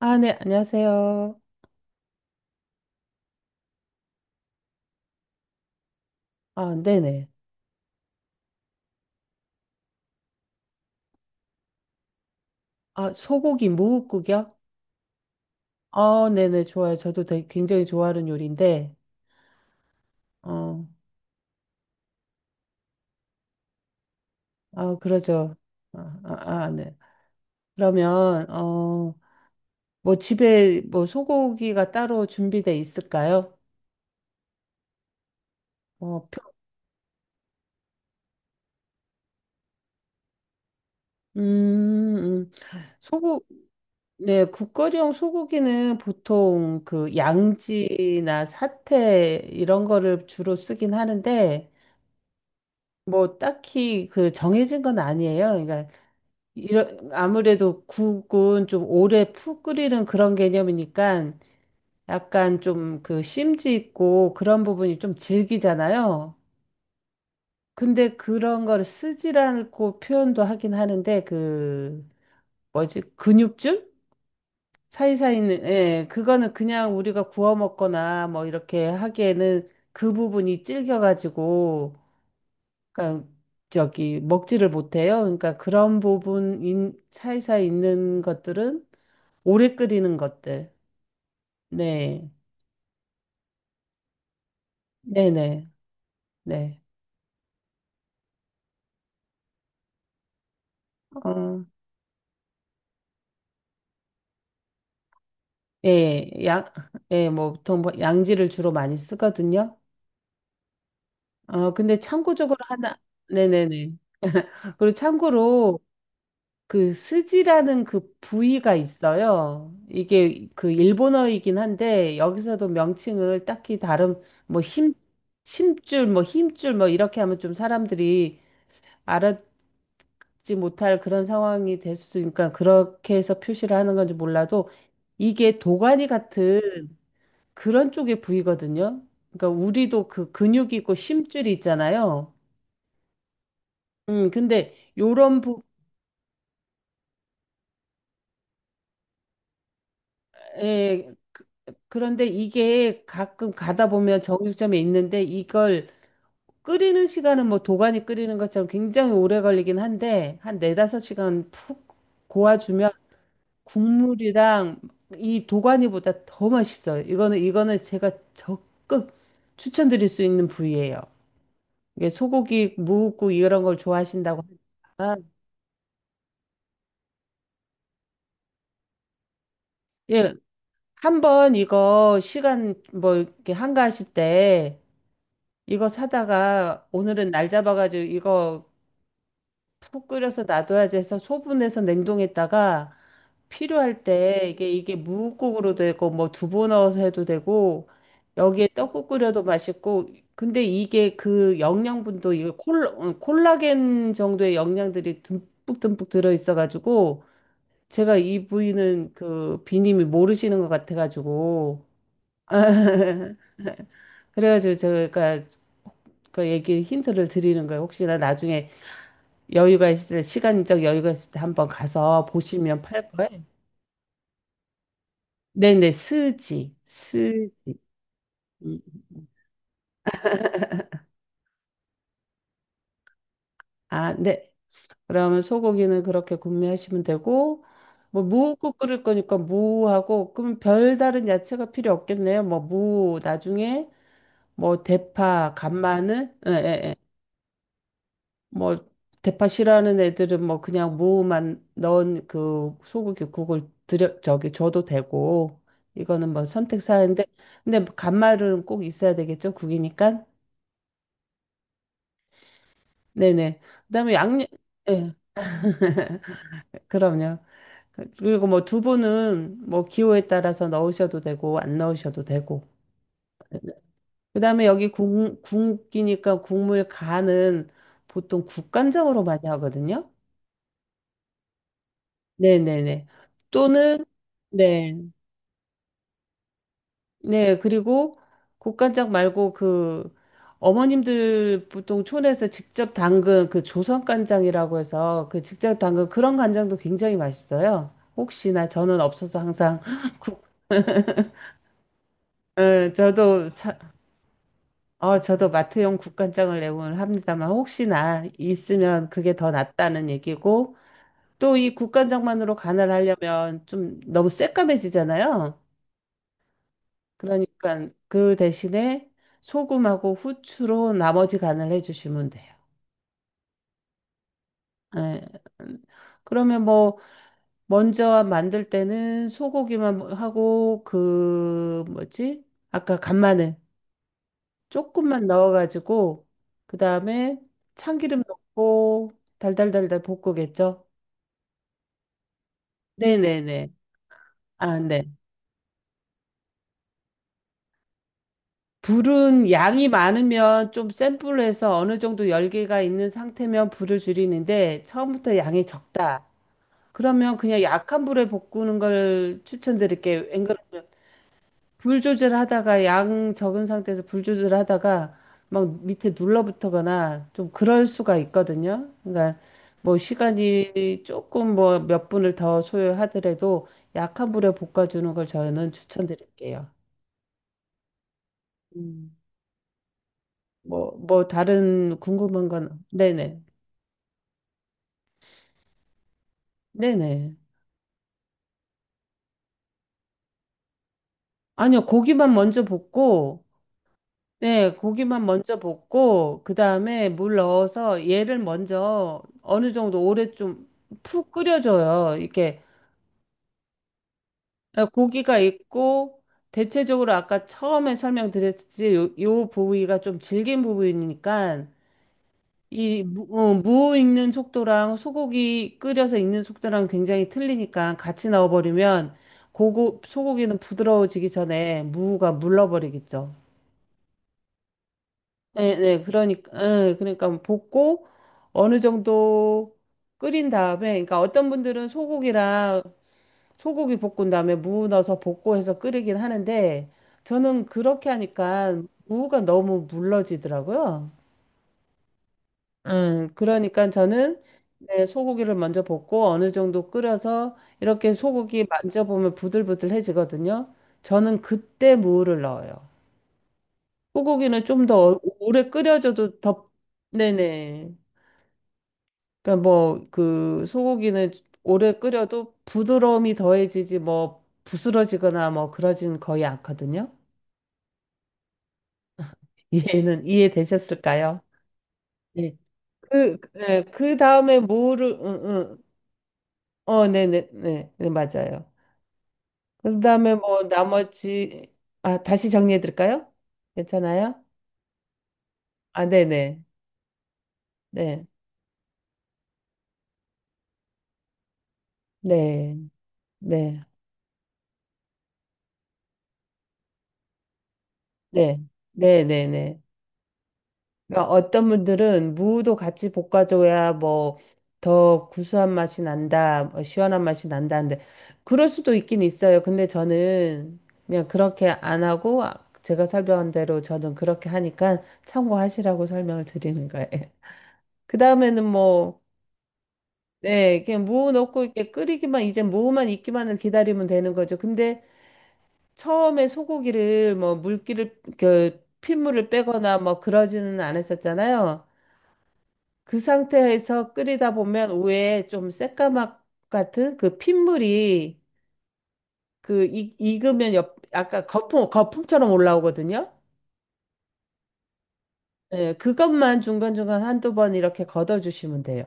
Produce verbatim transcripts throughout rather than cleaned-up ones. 아, 네, 안녕하세요. 아, 네네. 아, 소고기 무국국이요? 어, 네네, 좋아요. 저도 되게 굉장히 좋아하는 요리인데, 어, 아, 그러죠. 아, 아, 아, 네. 그러면, 어, 뭐 집에 뭐 소고기가 따로 준비돼 있을까요? 어, 표- 음, 음. 소고, 네, 국거리용 소고기는 보통 그 양지나 사태 이런 거를 주로 쓰긴 하는데, 뭐 딱히 그 정해진 건 아니에요. 그러니까 이런, 아무래도 국은 좀 오래 푹 끓이는 그런 개념이니까 약간 좀 그 심지 있고 그런 부분이 좀 질기잖아요. 근데 그런 걸 쓰지 않고 표현도 하긴 하는데 그 뭐지? 근육줄? 사이사이 있는 예, 그거는 그냥 우리가 구워 먹거나 뭐 이렇게 하기에는 그 부분이 질겨 가지고 그러니까 저기 먹지를 못해요. 그러니까 그런 부분 인, 사이사이 있는 것들은 오래 끓이는 것들. 네. 네네. 네. 어, 예, 양, 예, 뭐, 보통 뭐 양지를 주로 많이 쓰거든요. 어, 근데 참고적으로 하나, 네네네. 그리고 참고로 그 스지라는 그 부위가 있어요. 이게 그 일본어이긴 한데, 여기서도 명칭을 딱히 다른, 뭐, 힘, 심줄, 뭐, 힘줄, 뭐, 이렇게 하면 좀 사람들이 알아, 지 못할 그런 상황이 될 수 있으니까 그렇게 해서 표시를 하는 건지 몰라도 이게 도가니 같은 그런 쪽의 부위거든요. 그러니까 우리도 그 근육이 있고 심줄이 있잖아요. 음, 근데 요런 부, 에, 그런데 이게 가끔 가다 보면 정육점에 있는데 이걸 끓이는 시간은 뭐 도가니 끓이는 것처럼 굉장히 오래 걸리긴 한데 한 네다섯 시간 푹 고아주면 국물이랑 이 도가니보다 더 맛있어요. 이거는 이거는 제가 적극 추천드릴 수 있는 부위예요. 이게 소고기, 무국 이런 걸 좋아하신다고 하면 예, 한번 이거 시간 뭐 이렇게 한가하실 때 이거 사다가 오늘은 날 잡아가지고 이거 푹 끓여서 놔둬야지 해서 소분해서 냉동했다가 필요할 때 이게 이게 무국으로 되고 뭐 두부 넣어서 해도 되고 여기에 떡국 끓여도 맛있고 근데 이게 그 영양분도 이게 콜 어, 콜라겐 정도의 영양들이 듬뿍 듬뿍 들어 있어 가지고 제가 이 부위는 그 비님이 모르시는 것 같아 가지고 그래가지고 제가 그 얘기 힌트를 드리는 거예요. 혹시나 나중에 여유가 있을 때, 시간적 여유가 있을 때 한번 가서 보시면 팔 거예요. 네네, 스지, 스지. 음. 아, 네. 그러면 소고기는 그렇게 구매하시면 되고, 뭐, 무국 끓일 거니까 무하고, 그럼 별다른 야채가 필요 없겠네요. 뭐, 무, 나중에, 뭐, 대파, 간마늘, 예, 예, 예. 뭐, 대파 싫어하는 애들은 뭐, 그냥 무만 넣은 그 소고기 국을 드려, 저기, 줘도 되고, 이거는 뭐 선택 사항인데, 근데 간마늘은 꼭 있어야 되겠죠, 국이니까? 네네. 그다음에 양념, 예, 그럼요. 그리고 뭐 두부는 뭐 기호에 따라서 넣으셔도 되고 안 넣으셔도 되고. 그다음에 여기 국, 국이니까 국물 간은 보통 국간장으로 많이 하거든요. 네네네. 또는 네. 네. 그리고 국간장 말고 그 어머님들 보통 촌에서 직접 담근 그 조선간장이라고 해서 그 직접 담근 그런 간장도 굉장히 맛있어요. 혹시나 저는 없어서 항상 국, 예, 저도 사, 어, 저도 마트용 국간장을 내보면 합니다만 혹시나 있으면 그게 더 낫다는 얘기고 또 이 국간장만으로 간을 하려면 좀 너무 새까매지잖아요. 그러니까 그 대신에 소금하고 후추로 나머지 간을 해주시면 돼요. 예. 음. 그러면 뭐 먼저 만들 때는 소고기만 하고 그 뭐지? 아까 간마늘 조금만 넣어가지고 그 다음에 참기름 넣고 달달달달 볶으겠죠? 네네네. 아, 네. 불은 양이 많으면 좀 센 불로 해서 어느 정도 열기가 있는 상태면 불을 줄이는데 처음부터 양이 적다. 그러면 그냥 약한 불에 볶는 걸 추천드릴게요. 앵그러 불 조절하다가 양 적은 상태에서 불 조절하다가 막 밑에 눌러붙거나 좀 그럴 수가 있거든요. 그러니까 뭐 시간이 조금 뭐 몇 분을 더 소요하더라도 약한 불에 볶아주는 걸 저는 추천드릴게요. 음. 뭐, 뭐 다른 궁금한 건 네네. 네네. 아니요, 고기만 먼저 볶고 네, 고기만 먼저 볶고 그다음에 물 넣어서 얘를 먼저 어느 정도 오래 좀 푹 끓여줘요. 이렇게 고기가 있고 대체적으로 아까 처음에 설명드렸듯이 요, 요 부위가 좀 질긴 부위니까 이 무, 어, 무 익는 속도랑 소고기 끓여서 익는 속도랑 굉장히 틀리니까 같이 넣어버리면 고고, 소고기는 부드러워지기 전에 무가 물러버리겠죠. 네, 네, 그러니까, 예, 그러니까 뭐 볶고 어느 정도 끓인 다음에, 그러니까 어떤 분들은 소고기랑 소고기 볶은 다음에 무 넣어서 볶고 해서 끓이긴 하는데, 저는 그렇게 하니까 무가 너무 물러지더라고요. 음 그러니까 저는 네, 소고기를 먼저 볶고 어느 정도 끓여서 이렇게 소고기 만져보면 부들부들해지거든요. 저는 그때 무를 넣어요. 소고기는 좀 더 오래 끓여줘도 더, 네네. 그러니까 뭐 그 소고기는 오래 끓여도 부드러움이 더해지지 뭐 부스러지거나 뭐 그러진 거의 않거든요. 이해는 이해되셨을까요? 네. 그, 네, 그 다음에 무를, 응, 응. 어, 네네, 네, 네, 네, 맞아요. 그 다음에 뭐 나머지, 아, 다시 정리해 드릴까요? 괜찮아요? 아, 네네, 네, 네, 네, 네, 네, 네, 네, 네. 그러니까 어떤 분들은 무도 같이 볶아줘야 뭐 더 구수한 맛이 난다, 뭐 시원한 맛이 난다는데 그럴 수도 있긴 있어요. 근데 저는 그냥 그렇게 안 하고 아, 제가 설명한 대로 저는 그렇게 하니까 참고하시라고 설명을 드리는 거예요. 그 다음에는 뭐, 네, 그냥 무 넣고 이렇게 끓이기만 이제 무만 익기만을 기다리면 되는 거죠. 근데 처음에 소고기를 뭐 물기를 그 핏물을 빼거나 뭐 그러지는 않았었잖아요. 그 상태에서 끓이다 보면 위에 좀 새까맣 같은 그 핏물이 그 익, 익으면 옆, 아까 거품, 거품처럼 올라오거든요. 예, 그것만 중간중간 한두 번 이렇게 걷어주시면 돼요.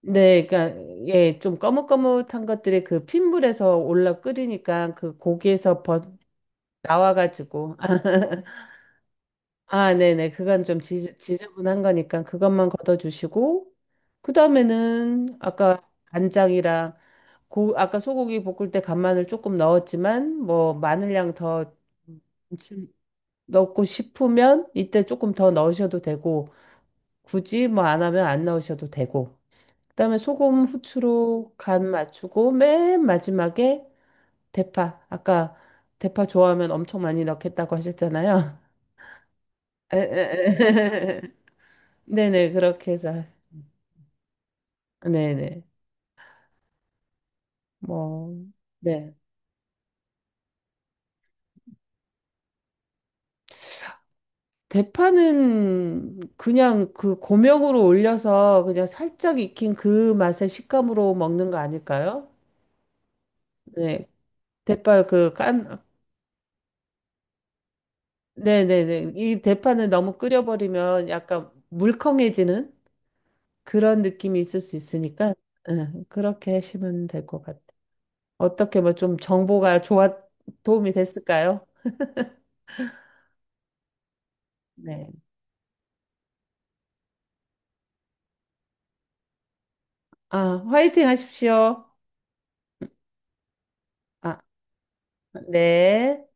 네, 그러니까 예, 좀 거뭇거뭇한 것들이 그 핏물에서 올라 끓이니까 그 고기에서 버, 나와가지고 아, 네네. 그건 좀 지, 지저분한 거니까 그것만 걷어주시고, 그 다음에는 아까 간장이랑 고, 아까 소고기 볶을 때 간마늘 조금 넣었지만 뭐 마늘량 더 넣고 싶으면 이때 조금 더 넣으셔도 되고 굳이 뭐 안 하면 안 넣으셔도 되고 그다음에 소금 후추로 간 맞추고 맨 마지막에 대파 아까 대파 좋아하면 엄청 많이 넣겠다고 하셨잖아요. 에, 에, 에. 네네 그렇게 해서 네네 뭐 네. 대파는 그냥 그 고명으로 올려서 그냥 살짝 익힌 그 맛의 식감으로 먹는 거 아닐까요? 네. 대파 그 깐, 네네네. 이 대파는 너무 끓여버리면 약간 물컹해지는 그런 느낌이 있을 수 있으니까, 예, 그렇게 하시면 될 것 같아요. 어떻게 뭐 좀 정보가 좋았, 도움이 됐을까요? 네. 아, 화이팅 하십시오. 아, 네.